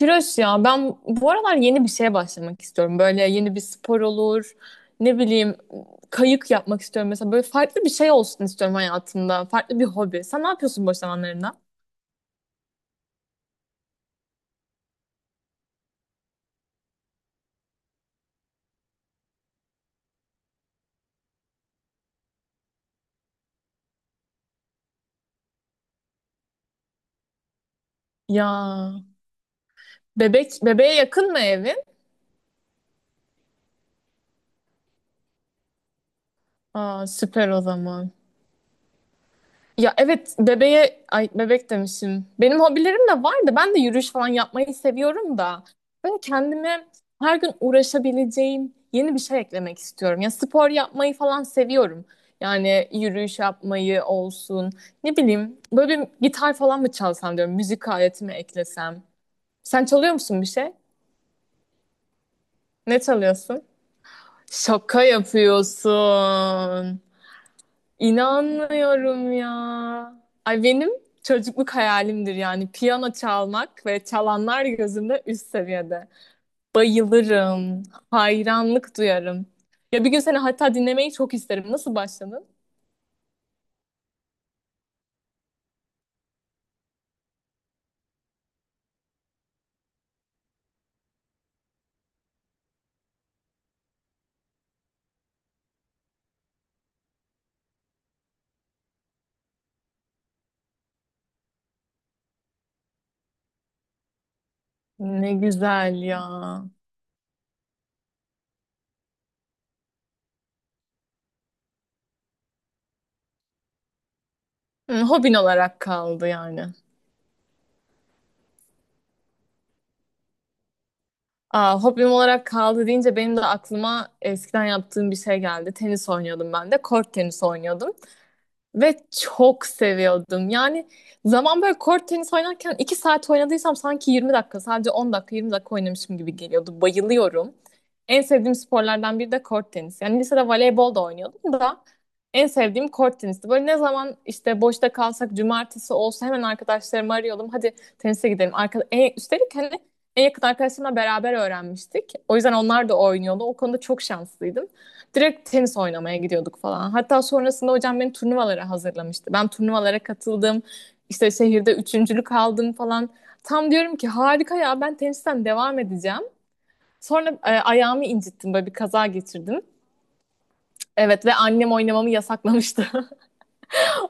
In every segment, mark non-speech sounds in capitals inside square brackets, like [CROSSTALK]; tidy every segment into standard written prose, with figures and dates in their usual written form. Tiroş ya ben bu aralar yeni bir şeye başlamak istiyorum. Böyle yeni bir spor olur. Ne bileyim kayık yapmak istiyorum mesela. Böyle farklı bir şey olsun istiyorum hayatımda. Farklı bir hobi. Sen ne yapıyorsun boş zamanlarında? Ya bebeğe yakın mı evin? Aa, süper o zaman. Ya evet bebeğe ay bebek demişim. Benim hobilerim de var da ben de yürüyüş falan yapmayı seviyorum da. Böyle kendime her gün uğraşabileceğim yeni bir şey eklemek istiyorum. Ya spor yapmayı falan seviyorum. Yani yürüyüş yapmayı olsun. Ne bileyim böyle bir gitar falan mı çalsam diyorum. Müzik aletimi eklesem. Sen çalıyor musun bir şey? Ne çalıyorsun? Şaka yapıyorsun. İnanmıyorum ya. Ay benim çocukluk hayalimdir yani piyano çalmak ve çalanlar gözümde üst seviyede. Bayılırım, hayranlık duyarım. Ya bir gün seni hatta dinlemeyi çok isterim. Nasıl başladın? Ne güzel ya. Hı, hobin olarak kaldı yani. Aa, hobim olarak kaldı deyince benim de aklıma eskiden yaptığım bir şey geldi. Tenis oynuyordum ben de. Kort tenisi oynuyordum. Ve çok seviyordum. Yani zaman böyle kort tenis oynarken 2 saat oynadıysam sanki 20 dakika, sadece 10 dakika 20 dakika oynamışım gibi geliyordu. Bayılıyorum. En sevdiğim sporlardan biri de kort tenis. Yani lisede voleybol da oynuyordum da en sevdiğim kort tenisti. Böyle ne zaman işte boşta kalsak cumartesi olsa hemen arkadaşlarımı arıyordum. Hadi tenise gidelim. Üstelik hani en yakın arkadaşlarımla beraber öğrenmiştik. O yüzden onlar da oynuyordu. O konuda çok şanslıydım. Direkt tenis oynamaya gidiyorduk falan. Hatta sonrasında hocam beni turnuvalara hazırlamıştı. Ben turnuvalara katıldım. İşte şehirde üçüncülük aldım falan. Tam diyorum ki harika ya ben tenisten devam edeceğim. Sonra ayağımı incittim, böyle bir kaza geçirdim. Evet ve annem oynamamı yasaklamıştı. [LAUGHS]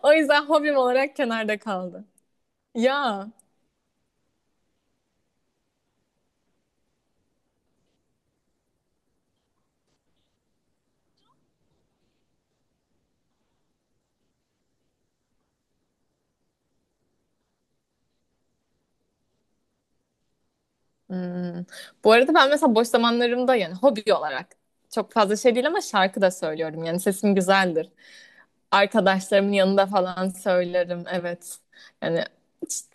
O yüzden hobim olarak kenarda kaldı. Ya. Hmm. Bu arada ben mesela boş zamanlarımda yani hobi olarak çok fazla şey değil ama şarkı da söylüyorum. Yani sesim güzeldir. Arkadaşlarımın yanında falan söylerim. Evet. Yani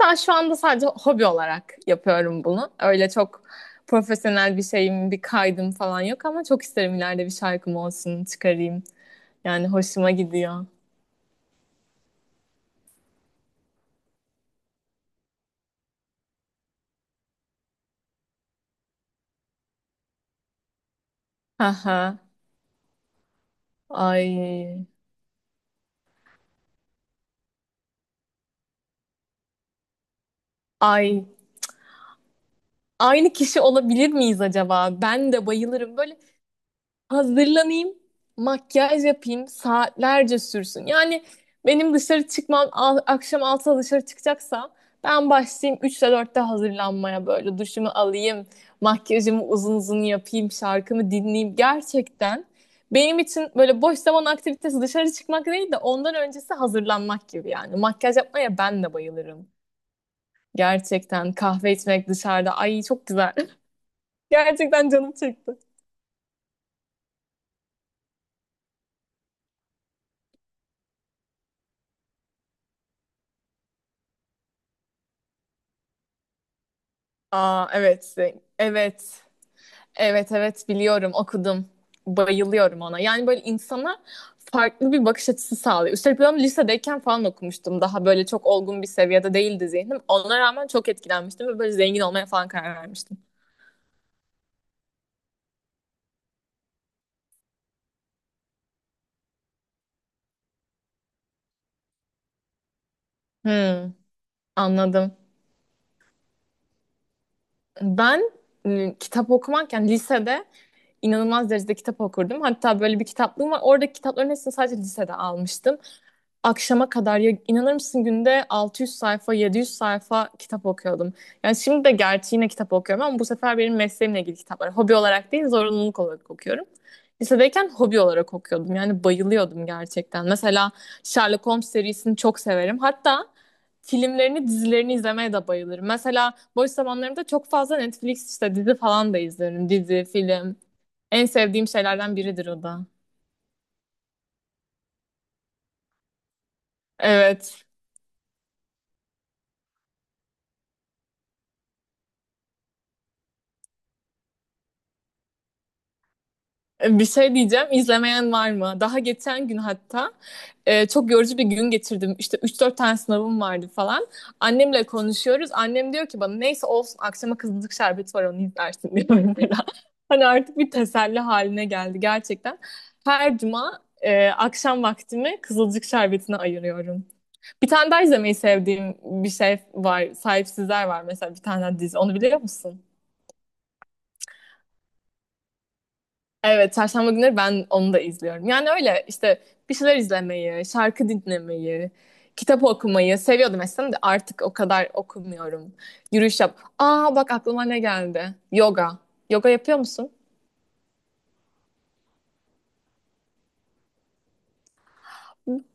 daha şu anda sadece hobi olarak yapıyorum bunu. Öyle çok profesyonel bir şeyim, bir kaydım falan yok ama çok isterim ileride bir şarkım olsun, çıkarayım. Yani hoşuma gidiyor. Aha. Ay. Ay. Aynı kişi olabilir miyiz acaba? Ben de bayılırım. Böyle hazırlanayım, makyaj yapayım, saatlerce sürsün. Yani benim dışarı çıkmam akşam 6'da dışarı çıkacaksam ben başlayayım üçte dörtte hazırlanmaya, böyle duşumu alayım, makyajımı uzun uzun yapayım, şarkımı dinleyeyim. Gerçekten benim için böyle boş zaman aktivitesi dışarı çıkmak değil de ondan öncesi hazırlanmak gibi yani. Makyaj yapmaya ben de bayılırım. Gerçekten kahve içmek dışarıda, ay çok güzel. [LAUGHS] Gerçekten canım çekti. Aa evet. Evet. Evet evet biliyorum, okudum. Bayılıyorum ona. Yani böyle insana farklı bir bakış açısı sağlıyor. Üstelik ben onu lisedeyken falan okumuştum. Daha böyle çok olgun bir seviyede değildi zihnim. Ona rağmen çok etkilenmiştim ve böyle zengin olmaya falan karar vermiştim. Hmm, anladım. Ben kitap okumarken lisede inanılmaz derecede kitap okurdum. Hatta böyle bir kitaplığım var. Oradaki kitapların hepsini sadece lisede almıştım. Akşama kadar, ya inanır mısın, günde 600 sayfa 700 sayfa kitap okuyordum. Yani şimdi de gerçi yine kitap okuyorum ama bu sefer benim mesleğimle ilgili kitaplar. Hobi olarak değil zorunluluk olarak okuyorum. Lisedeyken hobi olarak okuyordum. Yani bayılıyordum gerçekten. Mesela Sherlock Holmes serisini çok severim. Hatta filmlerini, dizilerini izlemeye de bayılırım. Mesela boş zamanlarımda çok fazla Netflix işte dizi falan da izlerim. Dizi, film. En sevdiğim şeylerden biridir o da. Evet. Bir şey diyeceğim, izlemeyen var mı? Daha geçen gün hatta çok yorucu bir gün geçirdim. İşte üç dört tane sınavım vardı falan. Annemle konuşuyoruz. Annem diyor ki bana, neyse olsun akşama kızılcık şerbeti var onu izlersin, diyor mesela. [LAUGHS] Hani artık bir teselli haline geldi gerçekten. Her cuma akşam vaktimi kızılcık şerbetine ayırıyorum. Bir tane daha izlemeyi sevdiğim bir şey var. Sahipsizler var mesela, bir tane daha dizi. Onu biliyor musun? Evet, çarşamba günleri ben onu da izliyorum. Yani öyle işte bir şeyler izlemeyi, şarkı dinlemeyi, kitap okumayı seviyordum eskiden de artık o kadar okumuyorum. Yürüyüş yap. Aa bak aklıma ne geldi. Yoga. Yoga yapıyor musun?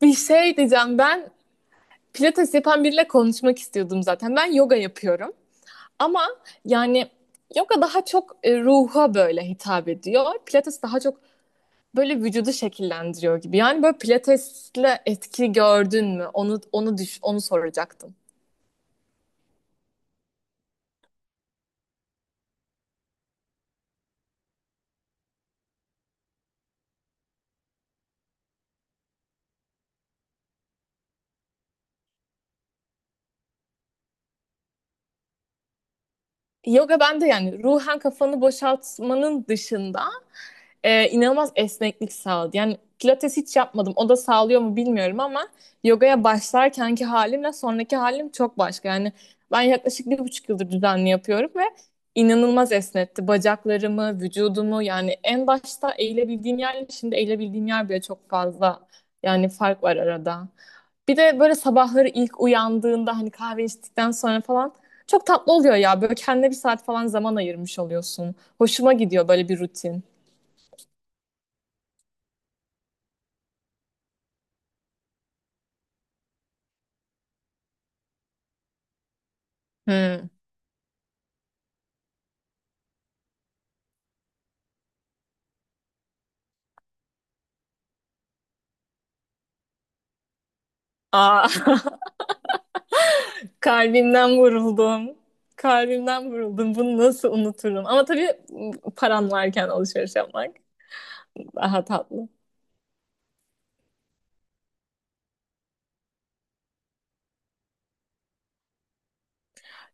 Bir şey diyeceğim, ben pilates yapan biriyle konuşmak istiyordum zaten. Ben yoga yapıyorum ama yani yoga daha çok ruha böyle hitap ediyor. Pilates daha çok böyle vücudu şekillendiriyor gibi. Yani böyle pilatesle etki gördün mü? Onu soracaktım. Yoga, ben de yani ruhen kafanı boşaltmanın dışında inanılmaz esneklik sağladı. Yani pilates hiç yapmadım. O da sağlıyor mu bilmiyorum ama yogaya başlarkenki halimle sonraki halim çok başka. Yani ben yaklaşık bir buçuk yıldır düzenli yapıyorum ve inanılmaz esnetti. Bacaklarımı, vücudumu, yani en başta eğilebildiğim yerle şimdi eğilebildiğim yer bile çok fazla. Yani fark var arada. Bir de böyle sabahları ilk uyandığında hani kahve içtikten sonra falan çok tatlı oluyor ya. Böyle kendine bir saat falan zaman ayırmış oluyorsun. Hoşuma gidiyor böyle bir rutin. Hmm. Aa, [LAUGHS] kalbimden vuruldum. Kalbimden vuruldum. Bunu nasıl unuturum? Ama tabii paran varken alışveriş yapmak daha tatlı.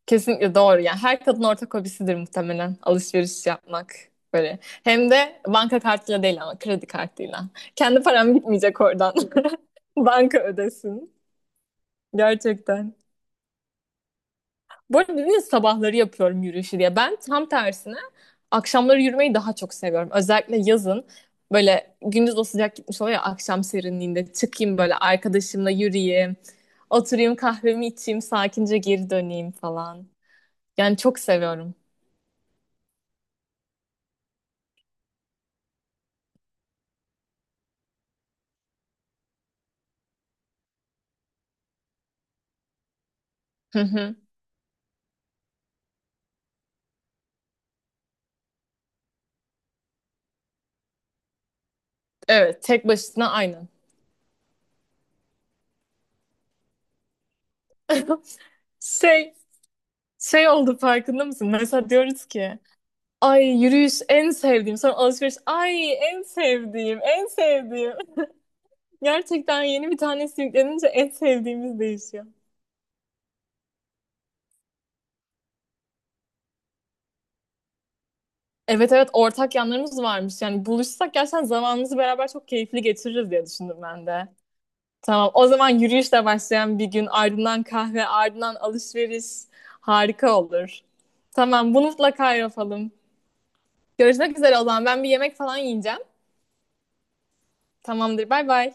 Kesinlikle doğru. Yani her kadın ortak hobisidir muhtemelen alışveriş yapmak. Böyle. Hem de banka kartıyla değil ama kredi kartıyla. Kendi param bitmeyecek oradan. [LAUGHS] Banka ödesin. Gerçekten. Bu arada dedin sabahları yapıyorum yürüyüşü diye. Ben tam tersine akşamları yürümeyi daha çok seviyorum. Özellikle yazın böyle gündüz o sıcak gitmiş oluyor ya, akşam serinliğinde çıkayım böyle arkadaşımla yürüyeyim. Oturayım kahvemi içeyim sakince geri döneyim falan. Yani çok seviyorum. Hı hı. Evet, tek başına aynen. [LAUGHS] Şey şey oldu farkında mısın? Mesela diyoruz ki ay yürüyüş en sevdiğim, sonra alışveriş ay en sevdiğim, en sevdiğim. Gerçekten yeni bir tanesi yüklenince en sevdiğimiz değişiyor. Evet evet, ortak yanlarımız varmış. Yani buluşsak gerçekten zamanımızı beraber çok keyifli geçiririz diye düşündüm ben de. Tamam o zaman, yürüyüşle başlayan bir gün, ardından kahve, ardından alışveriş, harika olur. Tamam, bunu mutlaka yapalım. Görüşmek üzere o zaman, ben bir yemek falan yiyeceğim. Tamamdır, bay bay.